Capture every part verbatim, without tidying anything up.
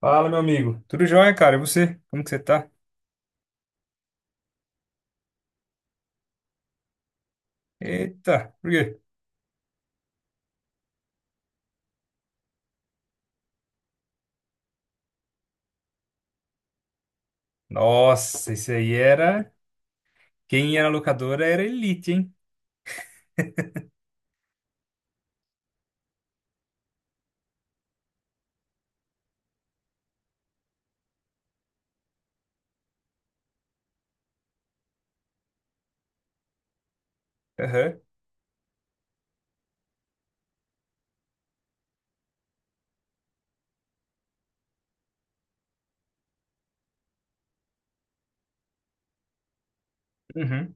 Fala, meu amigo. Tudo jóia, cara? E você? Como que você tá? Eita, por quê? Nossa, isso aí era. Quem era locadora era elite, hein? Aham. Uhum.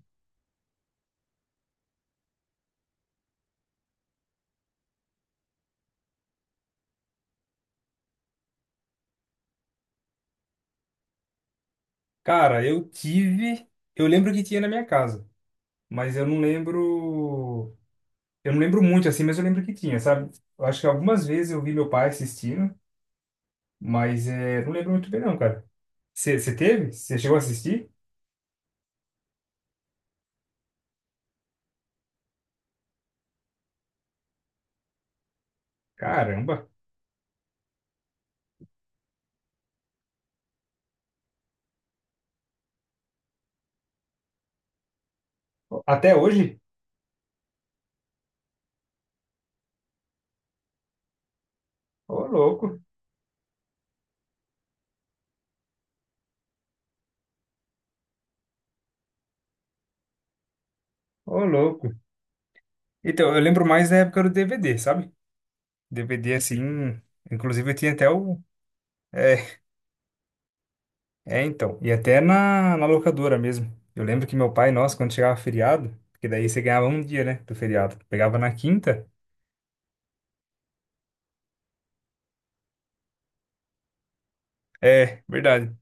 Cara, eu tive. Eu lembro que tinha na minha casa, mas eu não lembro. Eu não lembro muito assim, mas eu lembro que tinha, sabe? Eu acho que algumas vezes eu vi meu pai assistindo, mas é, não lembro muito bem, não, cara. Você você teve? Você chegou a assistir? Caramba! Até hoje? Ô, louco! Ô, louco! Então, eu lembro mais da época do D V D, sabe? D V D assim. Inclusive, eu tinha até o. É, é então. E até na, na locadora mesmo. Eu lembro que meu pai, nossa, quando chegava feriado, porque daí você ganhava um dia, né, do feriado. Pegava na quinta. É, verdade.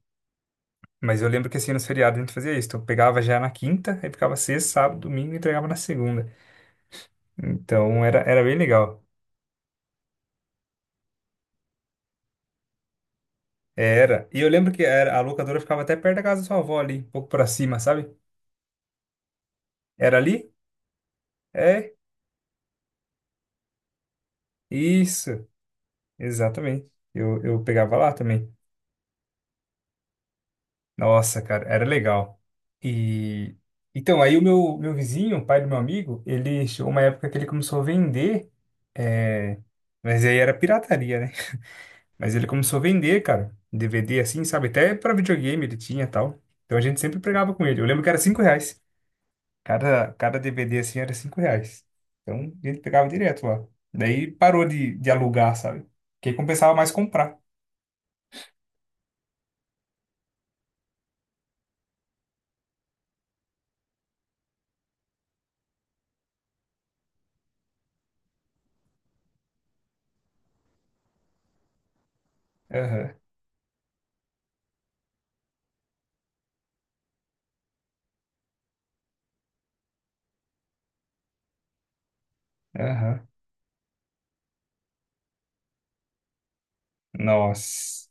Mas eu lembro que assim, nos feriados a gente fazia isso. Então, eu pegava já na quinta, aí ficava sexta, sábado, domingo e entregava na segunda. Então, era, era bem legal. Era. E eu lembro que era, a locadora ficava até perto da casa da sua avó ali, um pouco pra cima, sabe? Era ali? É, isso. Exatamente. Eu, eu pegava lá também. Nossa, cara, era legal. E então, aí o meu, meu vizinho, o pai do meu amigo, ele chegou uma época que ele começou a vender, é, mas aí era pirataria, né? Mas ele começou a vender, cara, D V D assim, sabe? Até pra videogame ele tinha e tal. Então a gente sempre pegava com ele. Eu lembro que era cinco reais. Cada, cada D V D assim era cinco reais. Então a gente pegava direto lá. Daí parou de, de alugar, sabe? Porque compensava mais comprar. Aham, aham. Nossa.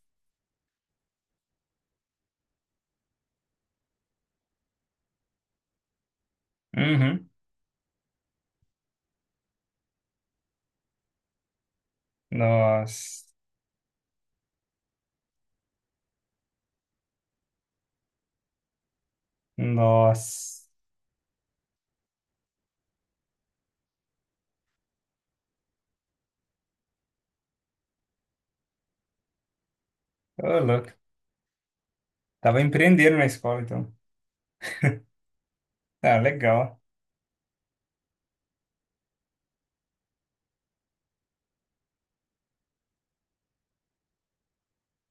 Uhum. Nossa. Nossa, ô louco. Tava empreendendo na escola, então. Ah, legal.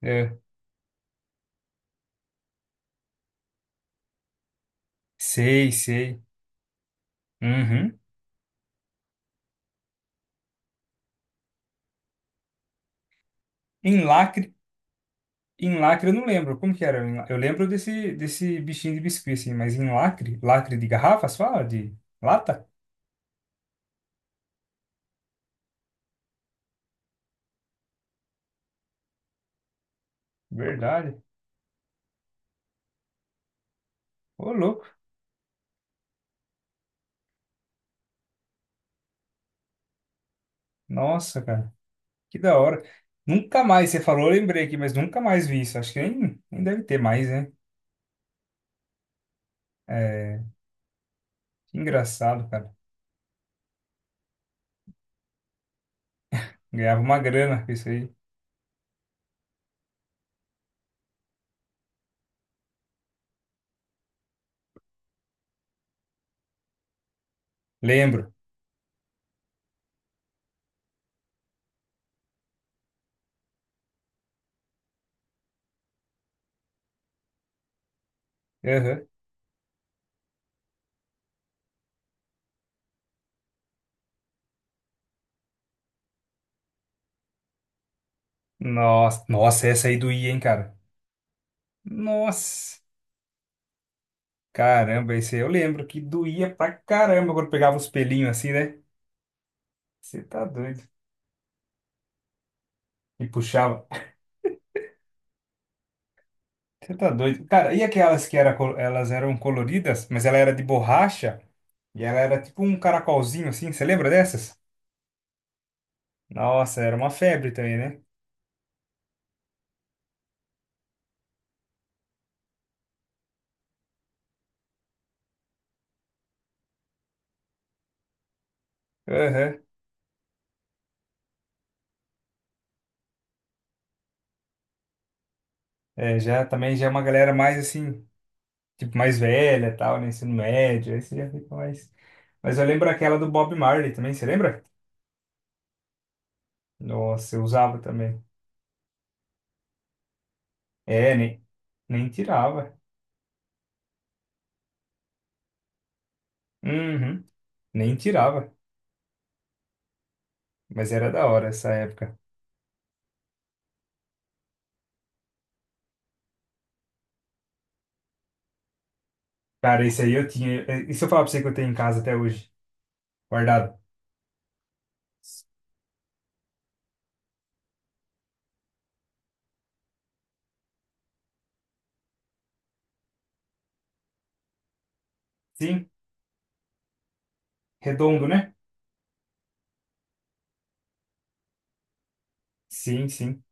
Eu sei, sei. Uhum. Em lacre, em lacre eu não lembro. Como que era? Em la- Eu lembro desse, desse bichinho de biscuit, assim, mas em lacre, lacre de garrafas, fala? De lata? Verdade. Ô, louco. Nossa, cara. Que da hora. Nunca mais, você falou, eu lembrei aqui, mas nunca mais vi isso. Acho que nem, nem deve ter mais, né? É, que engraçado, cara. Ganhava uma grana com isso aí. Lembro. Nossa, nossa, essa aí doía, hein, cara? Nossa, caramba, esse aí eu lembro que doía pra caramba quando pegava os pelinhos assim, né? Você tá doido. E puxava. Você tá doido. Cara, e aquelas que era, col- elas eram coloridas, mas ela era de borracha e ela era tipo um caracolzinho assim, você lembra dessas? Nossa, era uma febre também, né? Aham. É, já também já é uma galera mais assim, tipo mais velha, e tal, né? Ensino médio, aí você já fica mais. Mas eu lembro aquela do Bob Marley também, você lembra? Nossa, eu usava também. É, nem, nem tirava. Uhum, nem tirava. Mas era da hora essa época. Cara, esse aí eu tinha. eh, E se eu falar pra você que eu tenho em casa até hoje? Guardado? Sim, redondo, né? Sim, sim.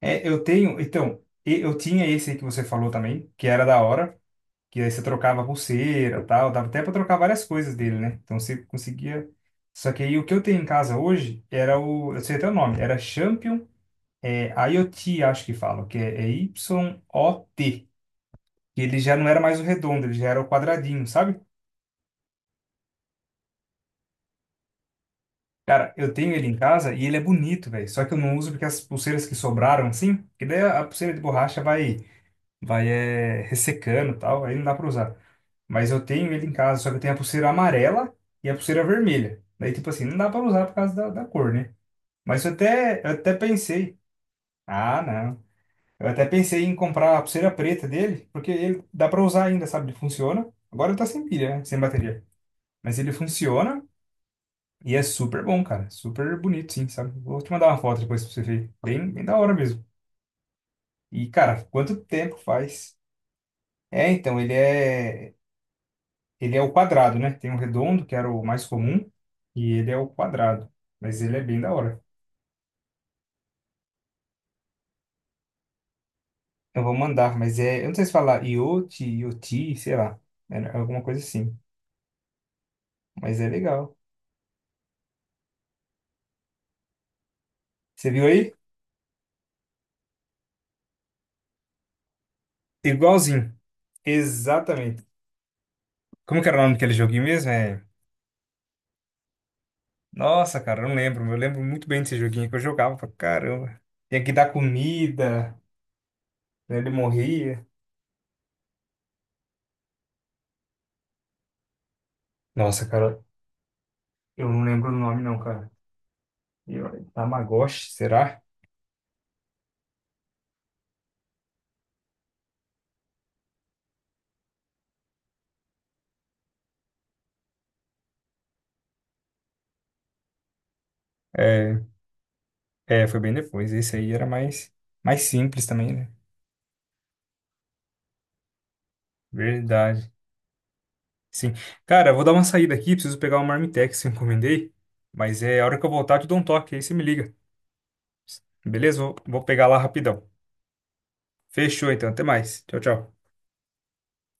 É, eu tenho. Então, e- eu tinha esse aí que você falou também, que era da hora. Que aí você trocava pulseira tal. Dava até pra trocar várias coisas dele, né? Então você conseguia. Só que aí o que eu tenho em casa hoje era o. Eu sei até o nome. Era Champion. É I O T, acho que falam, que é, é Y O T. E ele já não era mais o redondo, ele já era o quadradinho, sabe? Cara, eu tenho ele em casa e ele é bonito, velho. Só que eu não uso porque as pulseiras que sobraram, assim, que daí a pulseira de borracha vai, vai é, ressecando e tal, aí não dá pra usar. Mas eu tenho ele em casa, só que eu tenho a pulseira amarela e a pulseira vermelha. Daí, tipo assim, não dá pra usar por causa da, da cor, né? Mas eu até, eu até pensei, ah, não. Eu até pensei em comprar a pulseira preta dele, porque ele dá pra usar ainda, sabe? Ele funciona. Agora ele tá sem pilha, né? Sem bateria. Mas ele funciona e é super bom, cara. Super bonito, sim, sabe? Vou te mandar uma foto depois pra você ver. Bem, bem da hora mesmo. E, cara, quanto tempo faz? É, então, ele é. Ele é o quadrado, né? Tem o redondo, que era o mais comum, e ele é o quadrado. Mas ele é bem da hora. Eu vou mandar, mas é. Eu não sei se falar iot iot sei lá. É alguma coisa assim. Mas é legal. Você viu aí? Igualzinho. Exatamente. Como que era o nome daquele joguinho mesmo? É... Nossa, cara, eu não lembro. Eu lembro muito bem desse joguinho que eu jogava pra caramba. Tinha que dar comida, né? Ele morria. Nossa, cara, eu não lembro o nome não, cara. E olha, Tamagotchi, será? É, é, foi bem depois. Esse aí era mais, mais simples também, né? Verdade. Sim. Cara, eu vou dar uma saída aqui. Preciso pegar uma Marmitex que eu encomendei. Mas é a hora que eu voltar, eu te dou um toque. Aí você me liga. Beleza? Vou, vou pegar lá rapidão. Fechou então, até mais. Tchau, tchau.